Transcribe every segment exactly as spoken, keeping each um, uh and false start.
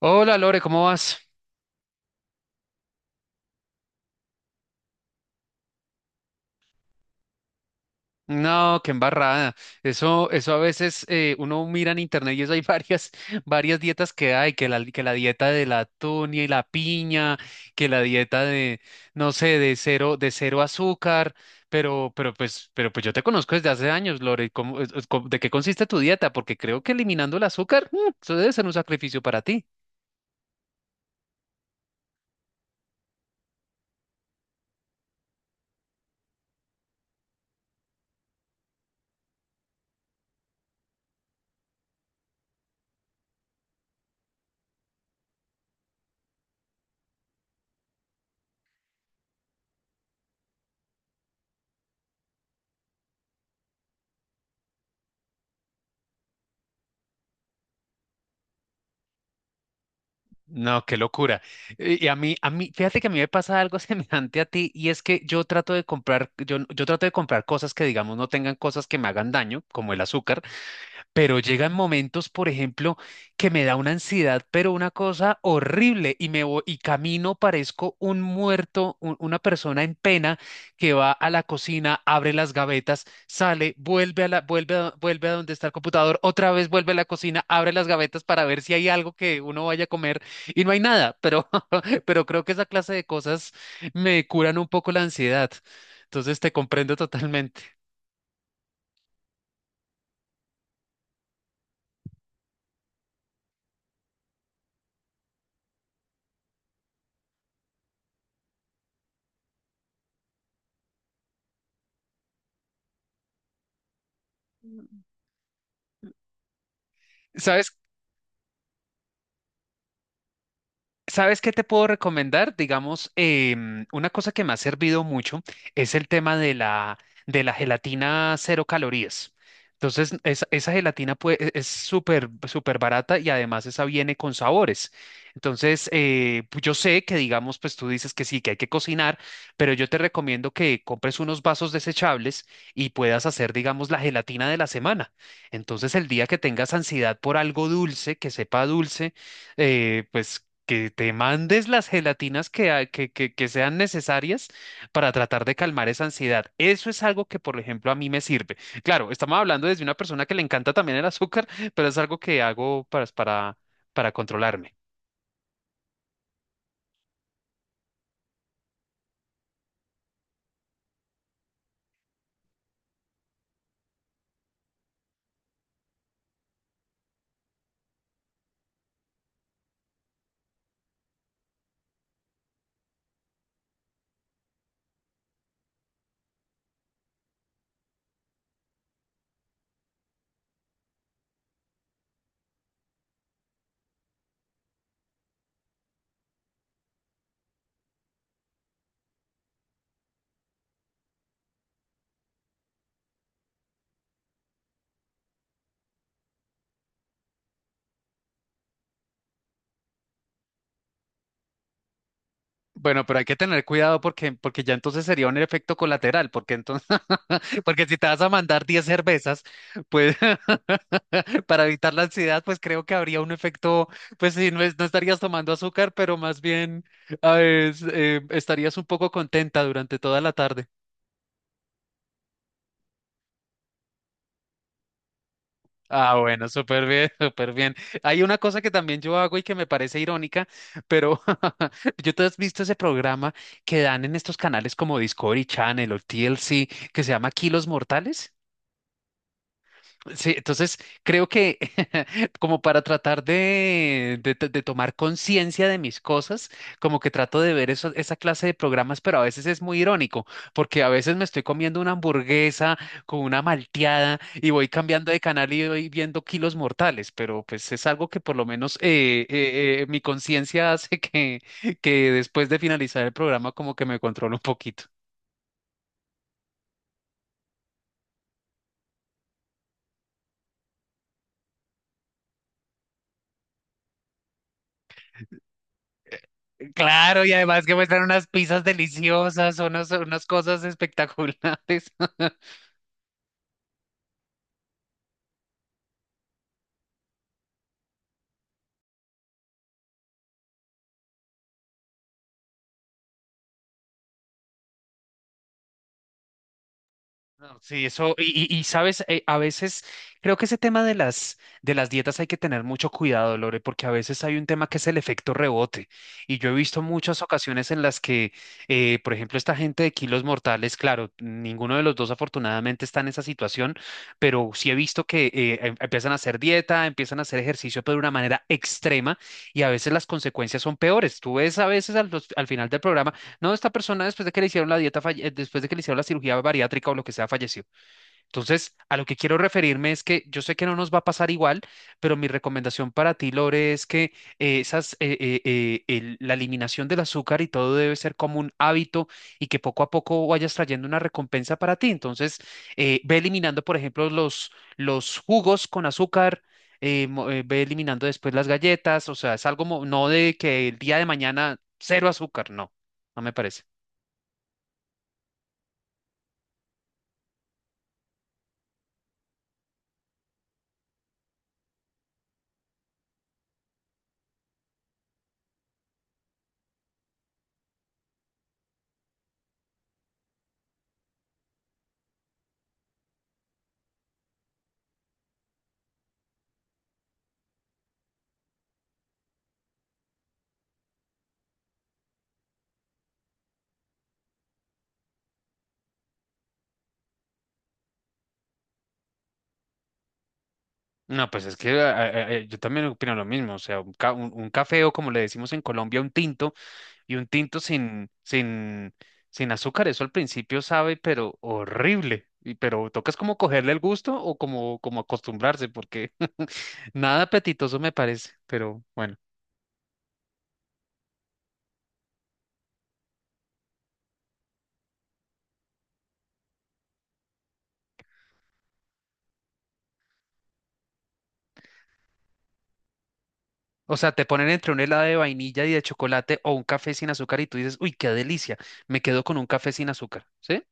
Hola Lore, ¿cómo vas? No, qué embarrada. Eso, eso a veces eh, uno mira en internet y eso hay varias, varias dietas que hay, que la, que la dieta de la tunia y la piña, que la dieta de, no sé, de cero, de cero azúcar, pero, pero pues, pero pues yo te conozco desde hace años, Lore. ¿Cómo, es- es- cómo- De qué consiste tu dieta? Porque creo que eliminando el azúcar, mm, eso debe ser un sacrificio para ti. No, qué locura. Eh, Y a mí, a mí, fíjate que a mí me pasa algo semejante a ti y es que yo trato de comprar, yo, yo trato de comprar cosas que digamos no tengan cosas que me hagan daño, como el azúcar, pero llegan momentos, por ejemplo, que me da una ansiedad, pero una cosa horrible, y me vo- y camino, parezco un muerto, un- una persona en pena que va a la cocina, abre las gavetas, sale, vuelve a la, vuelve a, vuelve a donde está el computador, otra vez vuelve a la cocina, abre las gavetas para ver si hay algo que uno vaya a comer y no hay nada, pero, pero creo que esa clase de cosas me curan un poco la ansiedad. Entonces te comprendo totalmente. ¿Sabes ¿Sabes qué te puedo recomendar? Digamos, em, una cosa que me ha servido mucho es el tema de la, de la gelatina cero calorías. Entonces, esa, esa gelatina pue- e- es súper, súper barata y además esa viene con sabores. Entonces, eh, pu- yo sé que, digamos, pues tú dices que sí, que hay que cocinar, pero yo te recomiendo que compres unos vasos desechables y puedas hacer, digamos, la gelatina de la semana. Entonces, el día que tengas ansiedad por algo dulce, que sepa dulce, eh, pues que te mandes las gelatinas que, ha- que, que, que sean necesarias para tratar de calmar esa ansiedad. Eso es algo que, por ejemplo, a mí me sirve. Claro, estamos hablando desde una persona que le encanta también el azúcar, pero es algo que hago para, para, para controlarme. Bueno, pero hay que tener cuidado porque, porque ya entonces sería un efecto colateral, porque entonces, porque si te vas a mandar diez cervezas, pues para evitar la ansiedad, pues creo que habría un efecto, pues sí, no, es- no estarías tomando azúcar, pero más bien ah, es, eh, estarías un poco contenta durante toda la tarde. Ah, bueno, súper bien, súper bien. Hay una cosa que también yo hago y que me parece irónica, pero yo tú has visto ese programa que dan en estos canales como Discovery Channel o T L C que se llama Kilos Mortales. Sí, entonces creo que como para tratar de, de to- de tomar conciencia de mis cosas, como que trato de ver eso- esa clase de programas, pero a veces es muy irónico, porque a veces me estoy comiendo una hamburguesa con una malteada y voy cambiando de canal y voy viendo Kilos Mortales, pero pues es algo que por lo menos eh, eh, eh, mi conciencia hace que, que después de finalizar el programa como que me controlo un poquito. Claro, y además que muestran unas pizzas deliciosas, unos, unas cosas espectaculares. No, sí, eso, y, y- y, sabes, Eh, a veces creo que ese tema de las, de las dietas hay que tener mucho cuidado, Lore, porque a veces hay un tema que es el efecto rebote. Y yo he visto muchas ocasiones en las que, eh, por ejemplo, esta gente de Kilos Mortales, claro, ninguno de los dos afortunadamente está en esa situación, pero sí he visto que eh, em- empiezan a hacer dieta, empiezan a hacer ejercicio, pero de una manera extrema, y a veces las consecuencias son peores. Tú ves a veces al, al final del programa no, esta persona después de que le hicieron la dieta, falle- eh, después de que le hicieron la cirugía bariátrica o lo que sea, falleció. Entonces, a lo que quiero referirme es que yo sé que no nos va a pasar igual, pero mi recomendación para ti, Lore, es que eh, esas, eh, eh, eh, el- la eliminación del azúcar y todo debe ser como un hábito y que poco a poco vayas trayendo una recompensa para ti. Entonces, eh, ve eliminando, por ejemplo, los, los jugos con azúcar. Eh, mo- eh, ve eliminando después las galletas, o sea, es algo mo- no de que el día de mañana cero azúcar, no, no me parece. No, pues es que eh, eh, eh, yo también opino lo mismo, o sea, un, ca- un, un café o como le decimos en Colombia, un tinto, y un tinto sin, sin, sin azúcar, eso al principio sabe, pero horrible, y, pero tocas como cogerle el gusto o como, como acostumbrarse, porque nada apetitoso me parece, pero bueno. O sea, te ponen entre un helado de vainilla y de chocolate o un café sin azúcar y tú dices, uy, qué delicia, me quedo con un café sin azúcar, ¿sí?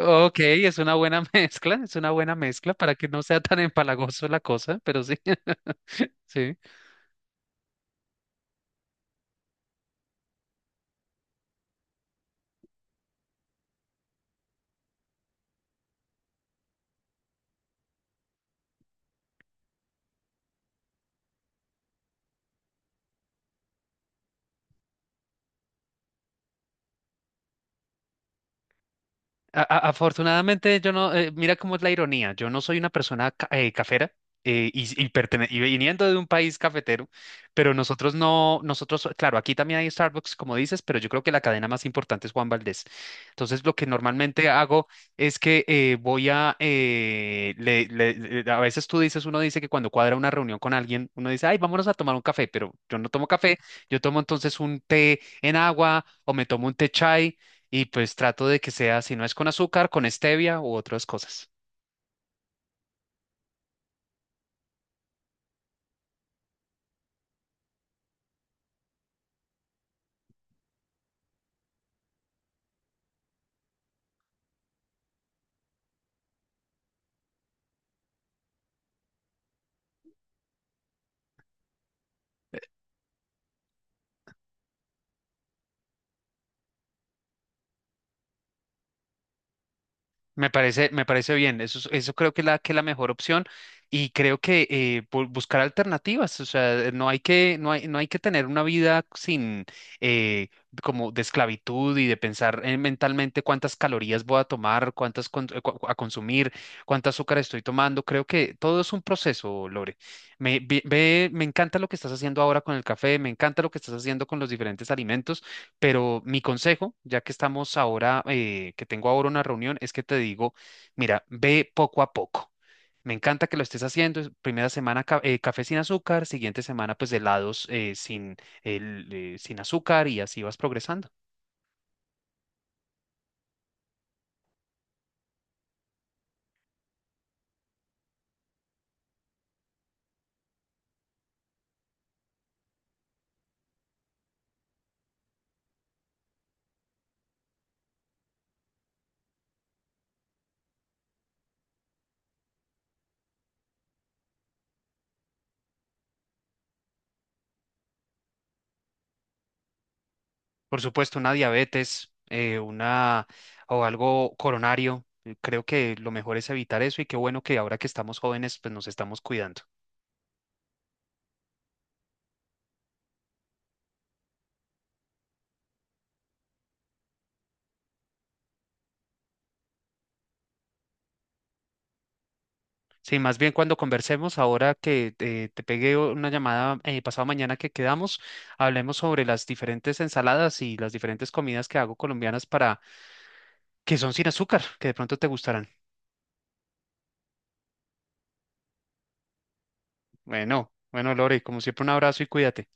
Ok, es una buena mezcla, es una buena mezcla para que no sea tan empalagoso la cosa, pero sí. Sí. A- a- afortunadamente, yo no, eh, mira cómo es la ironía, yo no soy una persona ca- eh, cafera, eh, y, y, pertene- y viniendo de un país cafetero, pero nosotros no, nosotros, claro, aquí también hay Starbucks, como dices, pero yo creo que la cadena más importante es Juan Valdez. Entonces, lo que normalmente hago es que eh, voy a, eh, le- le- le- a veces tú dices, uno dice que cuando cuadra una reunión con alguien, uno dice, ay, vámonos a tomar un café, pero yo no tomo café, yo tomo entonces un té en agua o me tomo un té chai y pues trato de que sea, si no es con azúcar, con stevia u otras cosas. Me parece, me parece bien, eso, es- eso creo que es la, que es la mejor opción y creo que eh, bu- buscar alternativas, o sea, no hay que, no hay, no hay que tener una vida sin eh, como de esclavitud y de pensar eh, mentalmente cuántas calorías voy a tomar, cuántas con- eh, cu- a consumir, cuánto azúcar estoy tomando. Creo que todo es un proceso, Lore. Me, ve- ve- me encanta lo que estás haciendo ahora con el café, me encanta lo que estás haciendo con los diferentes alimentos. Pero mi consejo, ya que estamos ahora, eh, que tengo ahora una reunión, es que te digo, mira, ve poco a poco. Me encanta que lo estés haciendo. Es Primera semana ca- eh, café sin azúcar, siguiente semana pues helados eh, sin, el, eh, sin azúcar y así vas progresando. Por supuesto, una diabetes, eh, una o algo coronario. eh, Creo que lo mejor es evitar eso y qué bueno que ahora que estamos jóvenes pues nos estamos cuidando. Sí, más bien cuando conversemos, ahora que eh, te pegué una llamada eh, pasado mañana que quedamos, hablemos sobre las diferentes ensaladas y las diferentes comidas que hago colombianas para que son sin azúcar, que de pronto te gustarán. Bueno, bueno, Lore, como siempre, un abrazo y cuídate.